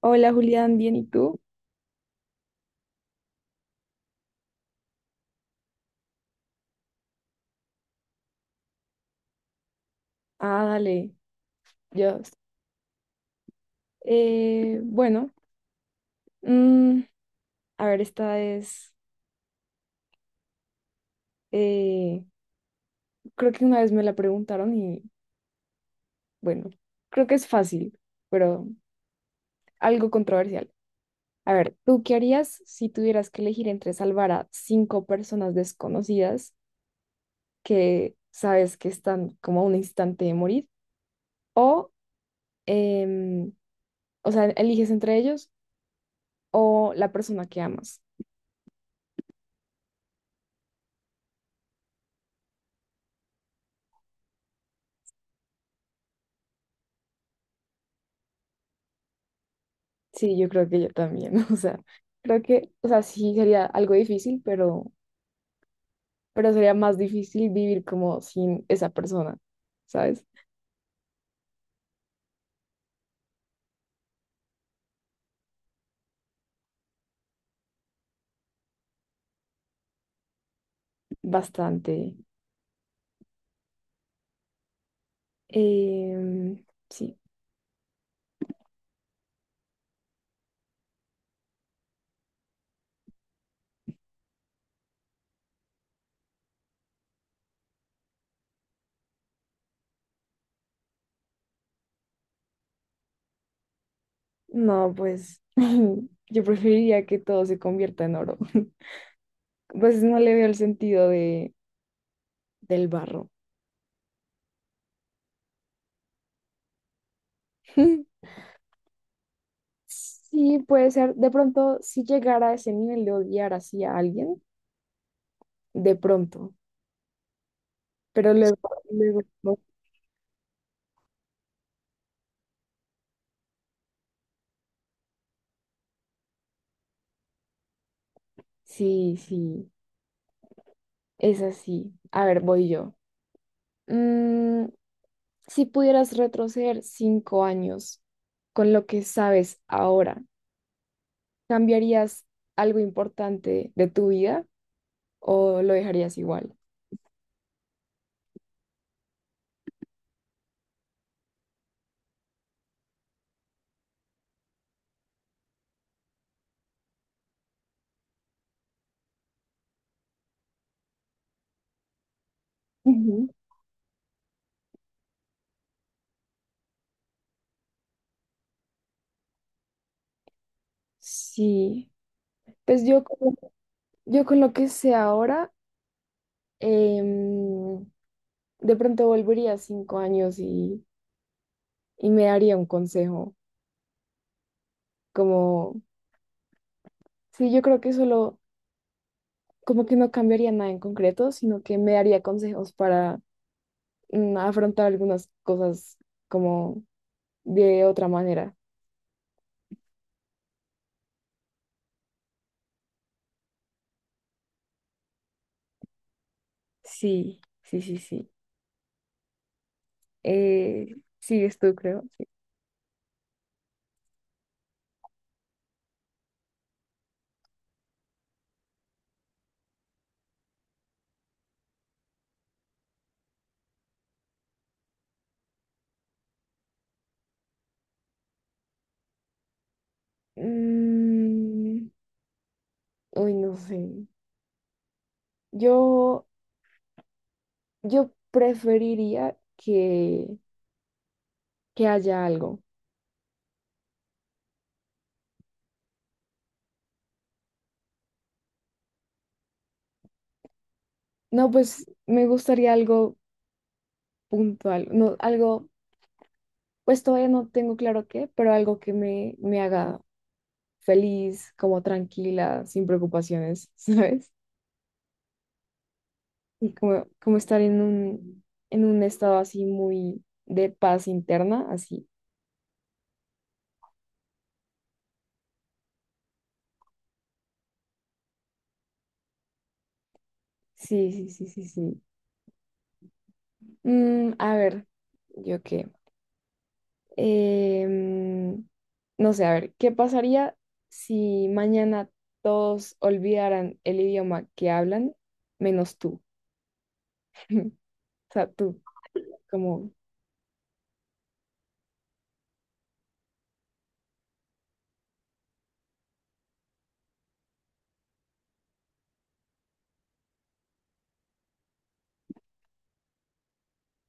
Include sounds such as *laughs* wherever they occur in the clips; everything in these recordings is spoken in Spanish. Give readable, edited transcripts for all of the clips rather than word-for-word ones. Hola Julián, ¿bien y tú? Ah, dale, yo. Eh, bueno, mm, a ver, eh, creo que una vez me la preguntaron y bueno, creo que es fácil, pero algo controversial. A ver, ¿tú qué harías si tuvieras que elegir entre salvar a cinco personas desconocidas que sabes que están como a un instante de morir o, em, o sea, ¿eliges entre ellos o la persona que amas? Sí, yo creo que yo también, *laughs* o sea, creo que, o sea, sí sería algo difícil, pero sería más difícil vivir como sin esa persona, ¿sabes? Bastante. Em, sí, no, pues *laughs* yo preferiría que todo se convierta en oro. *laughs* Pues no le veo el sentido del barro. *laughs* Sí, puede ser, de pronto, si llegara a ese nivel de odiar así a alguien, de pronto, pero luego no. Sí, sí. Es así. A ver, voy yo. Mm, si pudieras retroceder 5 años con lo que sabes ahora, ¿cambiarías algo importante de tu vida o lo dejarías igual? Ujú. Sí, pues yo con lo que sé ahora, em, de pronto volvería 5 años y me daría un consejo, como, sí, yo creo que solo, como que no cambiaría nada en concreto, sino que me daría consejos para afrontar algunas cosas como de otra manera. Sí, sí, sí, sí. Sigues tú, creo. Sí. Mm, uy, no sé. Yo... Yo preferiría que, que haya algo. No, pues me gustaría algo puntual, no, algo, pues todavía no tengo claro qué, pero algo que me haga feliz, como tranquila, sin preocupaciones, *laughs* ¿sabes? Y como, como estar en un estado así muy de paz interna, así. Sí, sí, sí, sí, sí. Mm, a ver, ¿yo qué? Em, no sé, a ver, ¿qué pasaría si mañana todos olvidaran el idioma que hablan, menos tú? *laughs* O sea, tú, como,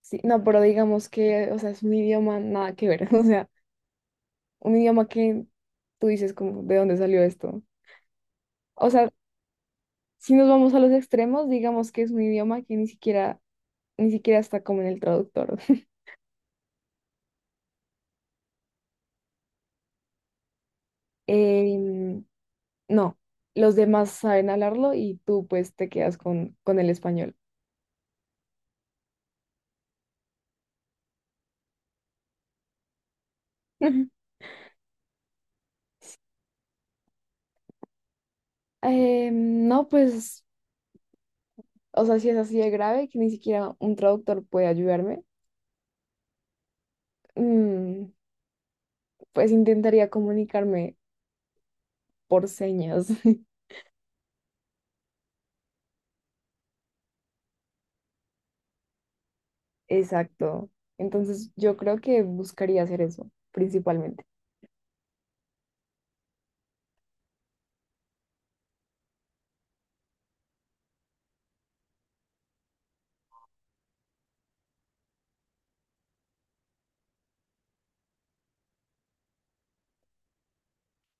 sí, no, pero digamos que, o sea, es un idioma nada que ver, *laughs* o sea, un idioma que tú dices como, ¿de dónde salió esto? O sea, si nos vamos a los extremos, digamos que es un idioma que ni siquiera, ni siquiera está como en el traductor. *laughs* Em, no, los demás saben hablarlo y tú pues te quedas con el español. *laughs* No, pues, o sea, si es así de grave que ni siquiera un traductor puede ayudarme, mm, pues intentaría comunicarme por señas. *laughs* Exacto. Entonces yo creo que buscaría hacer eso, principalmente. *laughs*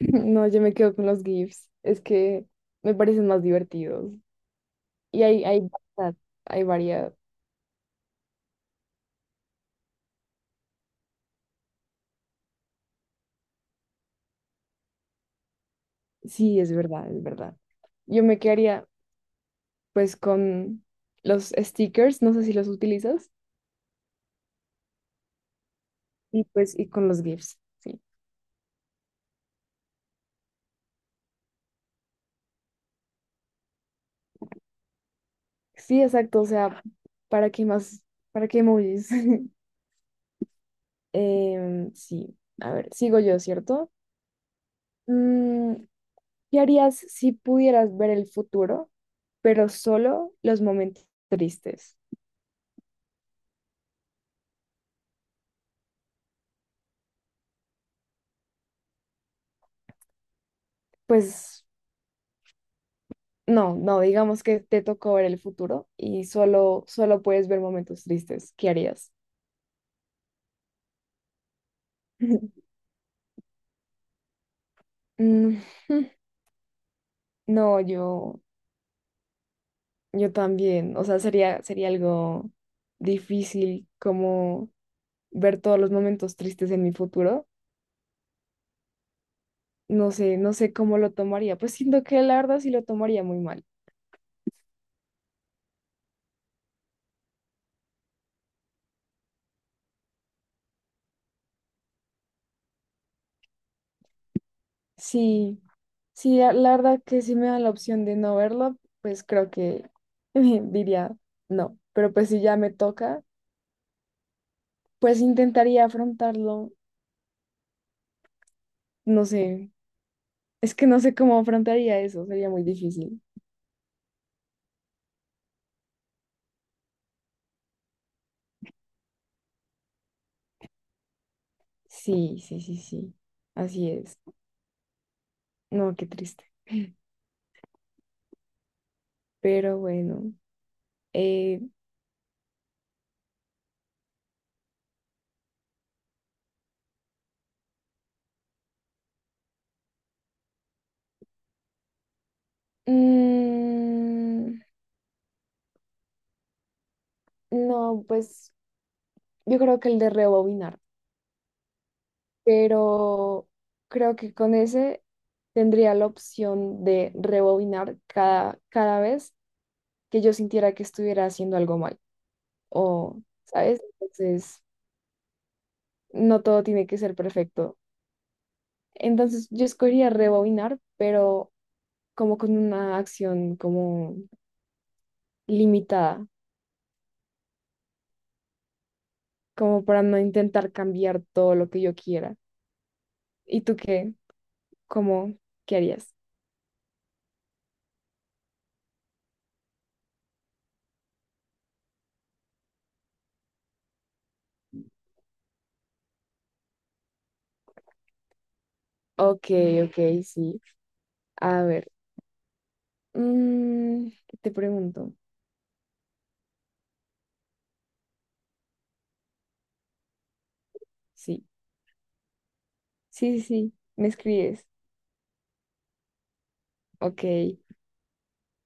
*clears throat* No, yo me quedo con los GIFs. Es que me parecen más divertidos. Y hay variedad, hay variedad. Sí, es verdad, es verdad. Yo me quedaría pues con los stickers, no sé si los utilizas, y pues y con los GIFs, sí. Sí, exacto, o sea, ¿para qué más? ¿Para qué emojis? *laughs* Em, sí, a ver, sigo yo, ¿cierto? Mm, ¿qué harías si pudieras ver el futuro, pero solo los momentos tristes? Pues no, no, digamos que te tocó ver el futuro y solo, solo puedes ver momentos tristes. ¿Qué harías? *laughs* Mm, *laughs* No, yo Yo también, o sea, sería algo difícil como ver todos los momentos tristes en mi futuro. No sé, no sé cómo lo tomaría. Pues siento que la verdad sí lo tomaría muy mal. Sí, sí, la verdad que si me dan la opción de no verlo, pues creo que *laughs* diría no. Pero pues si ya me toca, pues intentaría afrontarlo. No sé, es que no sé cómo afrontaría eso, sería muy difícil. Sí, sí, sí, sí, así es. No, qué triste. Pero bueno, eh, mm, no, pues yo creo que el de rebobinar, pero creo que con ese tendría la opción de rebobinar cada vez que yo sintiera que estuviera haciendo algo mal, o, ¿sabes? Entonces, no todo tiene que ser perfecto. Entonces, yo escogería rebobinar, pero como con una acción como limitada, como para no intentar cambiar todo lo que yo quiera. ¿Y tú qué? ¿Cómo? ¿Qué harías? Ok, ok, sí. A ver, mm, ¿qué te pregunto? Sí, sí, sí, sí. ¿Me escribes? Ok,